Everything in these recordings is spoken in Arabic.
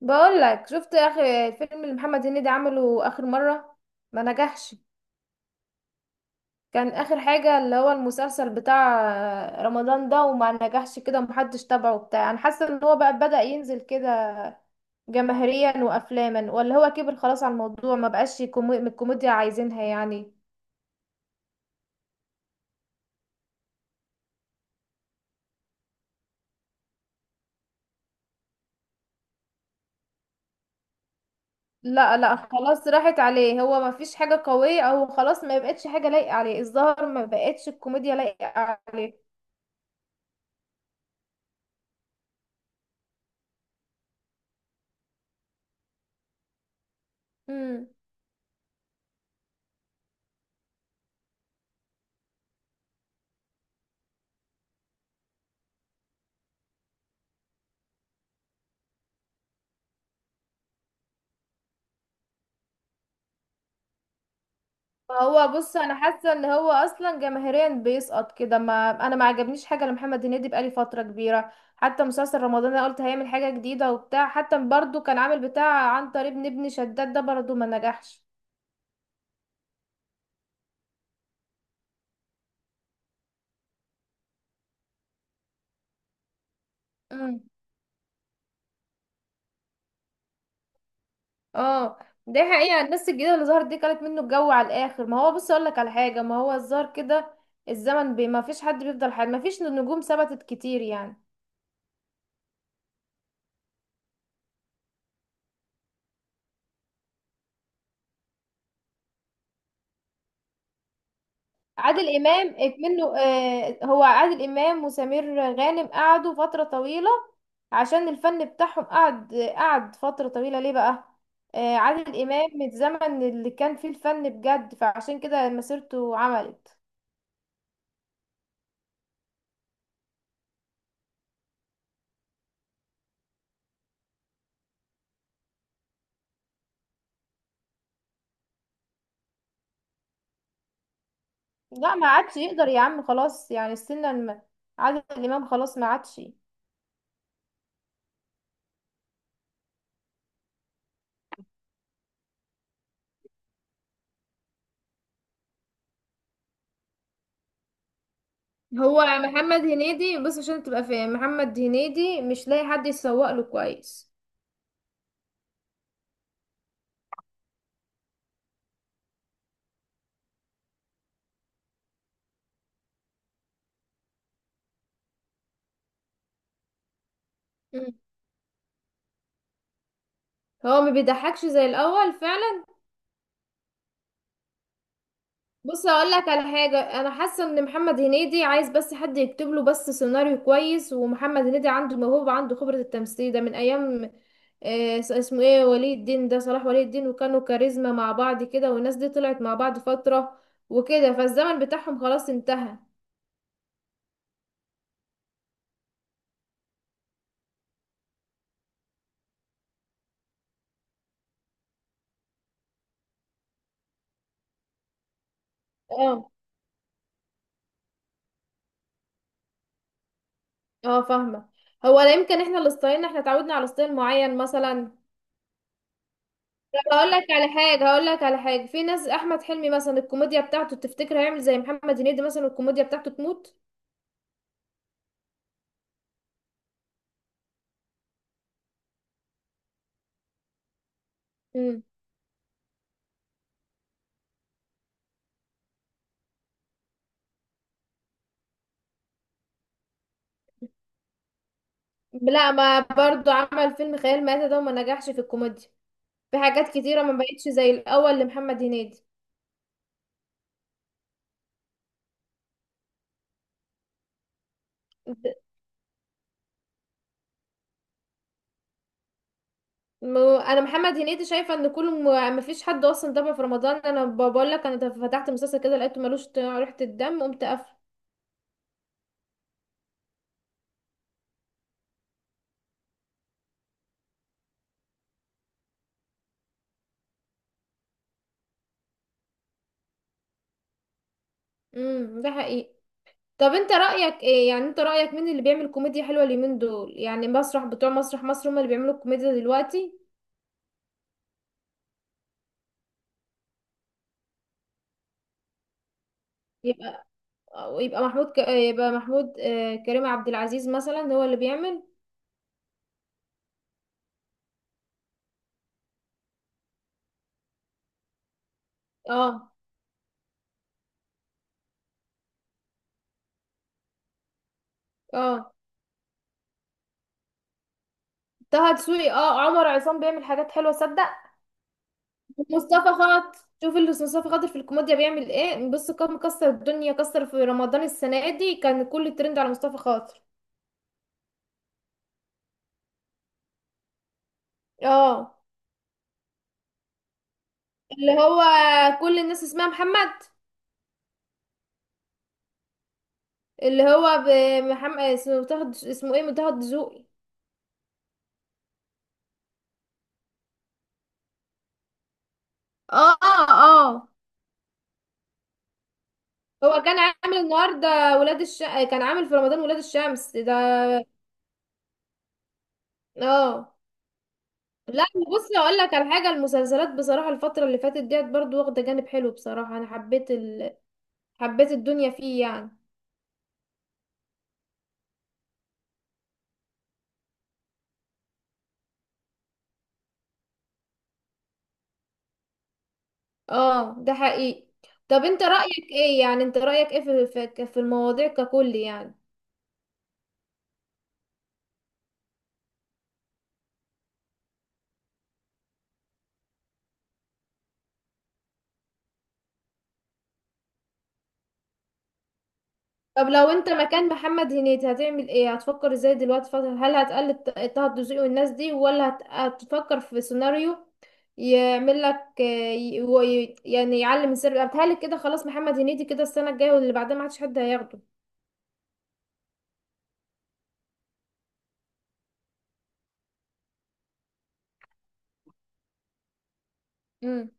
بقول لك شفت اخر الفيلم اللي محمد هنيدي عمله اخر مره، ما نجحش. كان اخر حاجه اللي هو المسلسل بتاع رمضان ده، وما نجحش كده ومحدش تابعه بتاع. انا حاسه ان هو بقى بدأ ينزل كده جماهيريا وافلاما، ولا هو كبر خلاص على الموضوع ما بقاش الكوميديا عايزينها يعني. لا لا، خلاص راحت عليه، هو ما فيش حاجه قويه او خلاص ما بقتش حاجه لايقه عليه. الظاهر ما بقتش الكوميديا لايقه عليه. هو بص، انا حاسه ان هو اصلا جماهيريا بيسقط كده، ما انا ما عجبنيش حاجه لمحمد هنيدي بقالي فتره كبيره. حتى مسلسل رمضان انا قلت هيعمل حاجه جديده وبتاع، حتى برضو كان عامل بتاع عن طريق ابن شداد ده برضو ما نجحش. مم. اه، دي حقيقه، الناس الجديده اللي ظهرت دي كانت منه الجو على الاخر. ما هو بص اقول لك على حاجه، ما هو الظاهر كده الزمن بي ما فيش حد بيفضل حد، ما فيش نجوم ثبتت كتير يعني. عادل امام منه، هو عادل امام وسمير غانم قعدوا فتره طويله عشان الفن بتاعهم قعد فتره طويله ليه بقى. عادل امام من الزمن اللي كان فيه الفن بجد، فعشان كده مسيرته عملت. لا، ما عادش يقدر يا عم، خلاص يعني عادل امام خلاص ما عادش. هو محمد هنيدي بص، عشان تبقى فاهم، محمد هنيدي مش لاقي حد يسوق له كويس. مم. هو ما بيضحكش زي الاول فعلا. بص اقول لك على حاجه، انا حاسه ان محمد هنيدي عايز بس حد يكتب له بس سيناريو كويس، ومحمد هنيدي عنده موهبه، عنده خبره. التمثيل ده من ايام، اسمه ايه، ولي الدين، ده صلاح ولي الدين، وكانوا كاريزما مع بعض كده، والناس دي طلعت مع بعض فتره وكده، فالزمن بتاعهم خلاص انتهى. اه، اه، فاهمه. هو لا يمكن احنا اللي ستايلنا، احنا اتعودنا على ستايل معين مثلا. طب هقول لك على حاجه، هقول لك على حاجه، في ناس احمد حلمي مثلا، الكوميديا بتاعته تفتكر هيعمل زي محمد هنيدي مثلا الكوميديا بتاعته تموت؟ مم. لا، ما برضو عمل فيلم خيال مآتة ده وما نجحش في الكوميديا. في حاجات كتيرة ما بقتش زي الأول لمحمد هنيدي. د- أنا محمد هنيدي شايفة إن ما فيش حد أصلا دمه في رمضان. أنا بقول لك، أنا فتحت مسلسل كده لقيته ملوش ريحة الدم، قمت قافله. امم، ده حقيقي. طب أنت رأيك إيه يعني، أنت رأيك مين اللي بيعمل كوميديا حلوة اليومين دول؟ يعني مسرح بتوع مسرح مصر هما اللي بيعملوا الكوميديا دلوقتي؟ يبقى يبقى محمود، كريم عبد العزيز مثلا هو اللي بيعمل. اه، اه، طه دسوقي، اه عمر عصام بيعمل حاجات حلوه صدق. مصطفى خاطر، شوف اللي مصطفى خاطر في الكوميديا بيعمل ايه. بص كان مكسر الدنيا، كسر في رمضان السنه دي، كان كل الترند على مصطفى خاطر. اه، اللي هو كل الناس اسمها محمد. اللي هو محمد اسمه متاخد، اسمه ايه، متاخد دسوقي. اه. اه. هو كان عامل النهارده ولاد الش كان عامل في رمضان ولاد الشمس ده. اه. لا بصي اقول لك على حاجه، المسلسلات بصراحه الفتره اللي فاتت ديت برضو واخده جانب حلو بصراحه، انا حبيت حبيت الدنيا فيه يعني. اه، ده حقيقي. طب انت رايك ايه يعني، انت رايك ايه في في المواضيع ككل يعني؟ طب لو انت مكان محمد هنيدي هتعمل ايه؟ هتفكر ازاي دلوقتي فترة؟ هل هتقلد طه الدسوقي والناس دي، ولا هتفكر في سيناريو يعمل لك، يعني يعلم السر. بتهيألي كده خلاص محمد هنيدي كده، السنه الجايه واللي بعدها ما عادش حد هياخده. امم.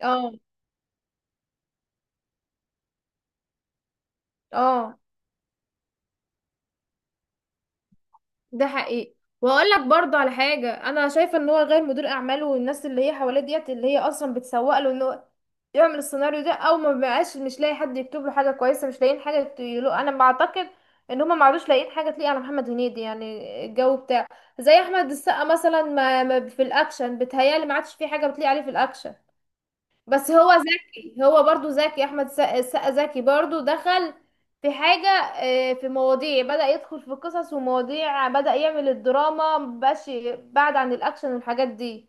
اه. اه، ده حقيقي. واقول لك برضه على حاجه، انا شايفه ان هو غير مدير اعماله والناس اللي هي حواليه ديت، اللي هي اصلا بتسوق له ان هو يعمل السيناريو ده او ما بقاش، مش لاقي حد يكتب له حاجه كويسه. مش لاقيين حاجه يقولوا، انا بعتقد ان هما ما عادوش لاقيين حاجه تليق على محمد هنيدي يعني الجو بتاعه. زي احمد السقا مثلا، ما في الاكشن بتهيالي ما عادش في حاجه بتليق عليه في الاكشن. بس هو ذكي، هو برضو ذكي، احمد السقا ذكي برضو، دخل في حاجة، في مواضيع، بدأ يدخل في قصص ومواضيع، بدأ يعمل الدراما، مبقاش بعد عن الأكشن والحاجات دي.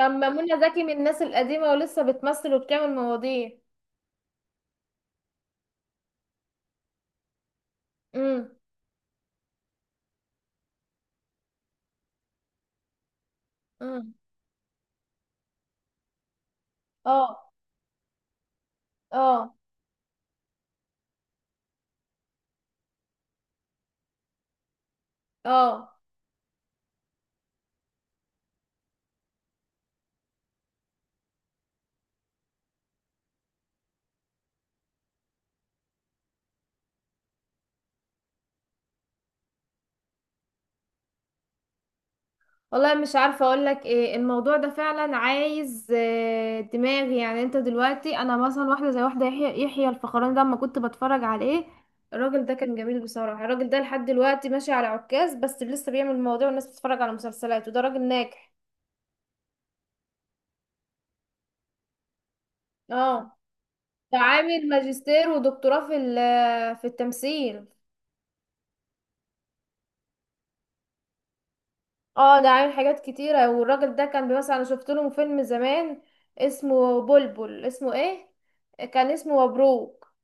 لما منى زكي من الناس القديمة ولسه بتمثل وبتعمل مواضيع. امم. امم. اه. اه. اه. والله مش عارفة اقولك ايه، الموضوع ده فعلا عايز دماغ يعني. انت دلوقتي انا مثلا واحدة زي واحدة، يحيى الفخراني ده لما كنت بتفرج عليه، الراجل ده كان جميل بصراحة. الراجل ده لحد دلوقتي ماشي على عكاز بس لسه بيعمل مواضيع والناس بتتفرج على مسلسلاته، ده راجل ناجح. اه. ده عامل ماجستير ودكتوراه في في التمثيل. اه، ده عامل حاجات كتيرة. والراجل ده كان مثلا انا شفت له فيلم زمان اسمه بلبل، اسمه ايه، كان اسمه مبروك.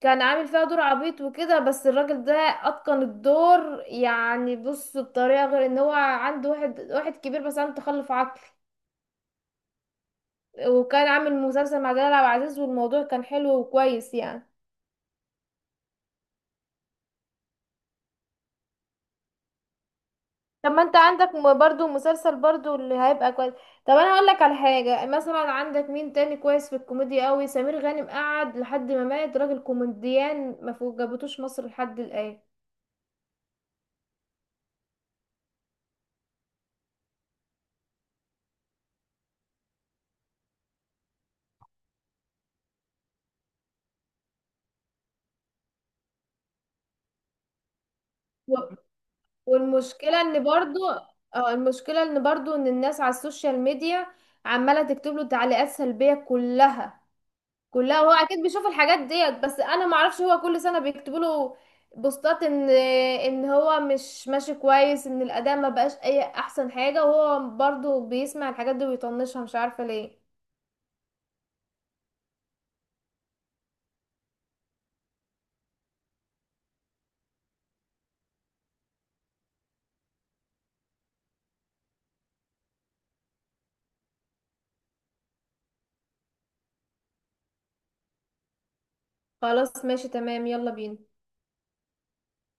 كان عامل فيها دور عبيط وكده، بس الراجل ده اتقن الدور يعني. بص، بطريقه، غير ان هو عنده واحد كبير، بس عنده تخلف عقلي. وكان عامل مسلسل مع جلال عبد العزيز، والموضوع كان حلو وكويس يعني. طب ما انت عندك برضو مسلسل برضو اللي هيبقى كويس. طب انا اقول لك على حاجه، مثلا عندك مين تاني كويس في الكوميديا قوي؟ سمير غانم قعد لحد ما مات، راجل كوميديان ما فوق- جابتوش مصر لحد الان. والمشكلة ان برضو، اه المشكلة ان برضو ان الناس على السوشيال ميديا عمالة تكتب له تعليقات سلبية كلها كلها. وهو اكيد بيشوف الحاجات ديت، بس انا معرفش، هو كل سنة بيكتبوا له بوستات ان هو مش ماشي كويس، ان الاداء ما بقاش اي احسن حاجة. وهو برضو بيسمع الحاجات دي ويطنشها، مش عارفة ليه. خلاص ماشي تمام، يلا بينا.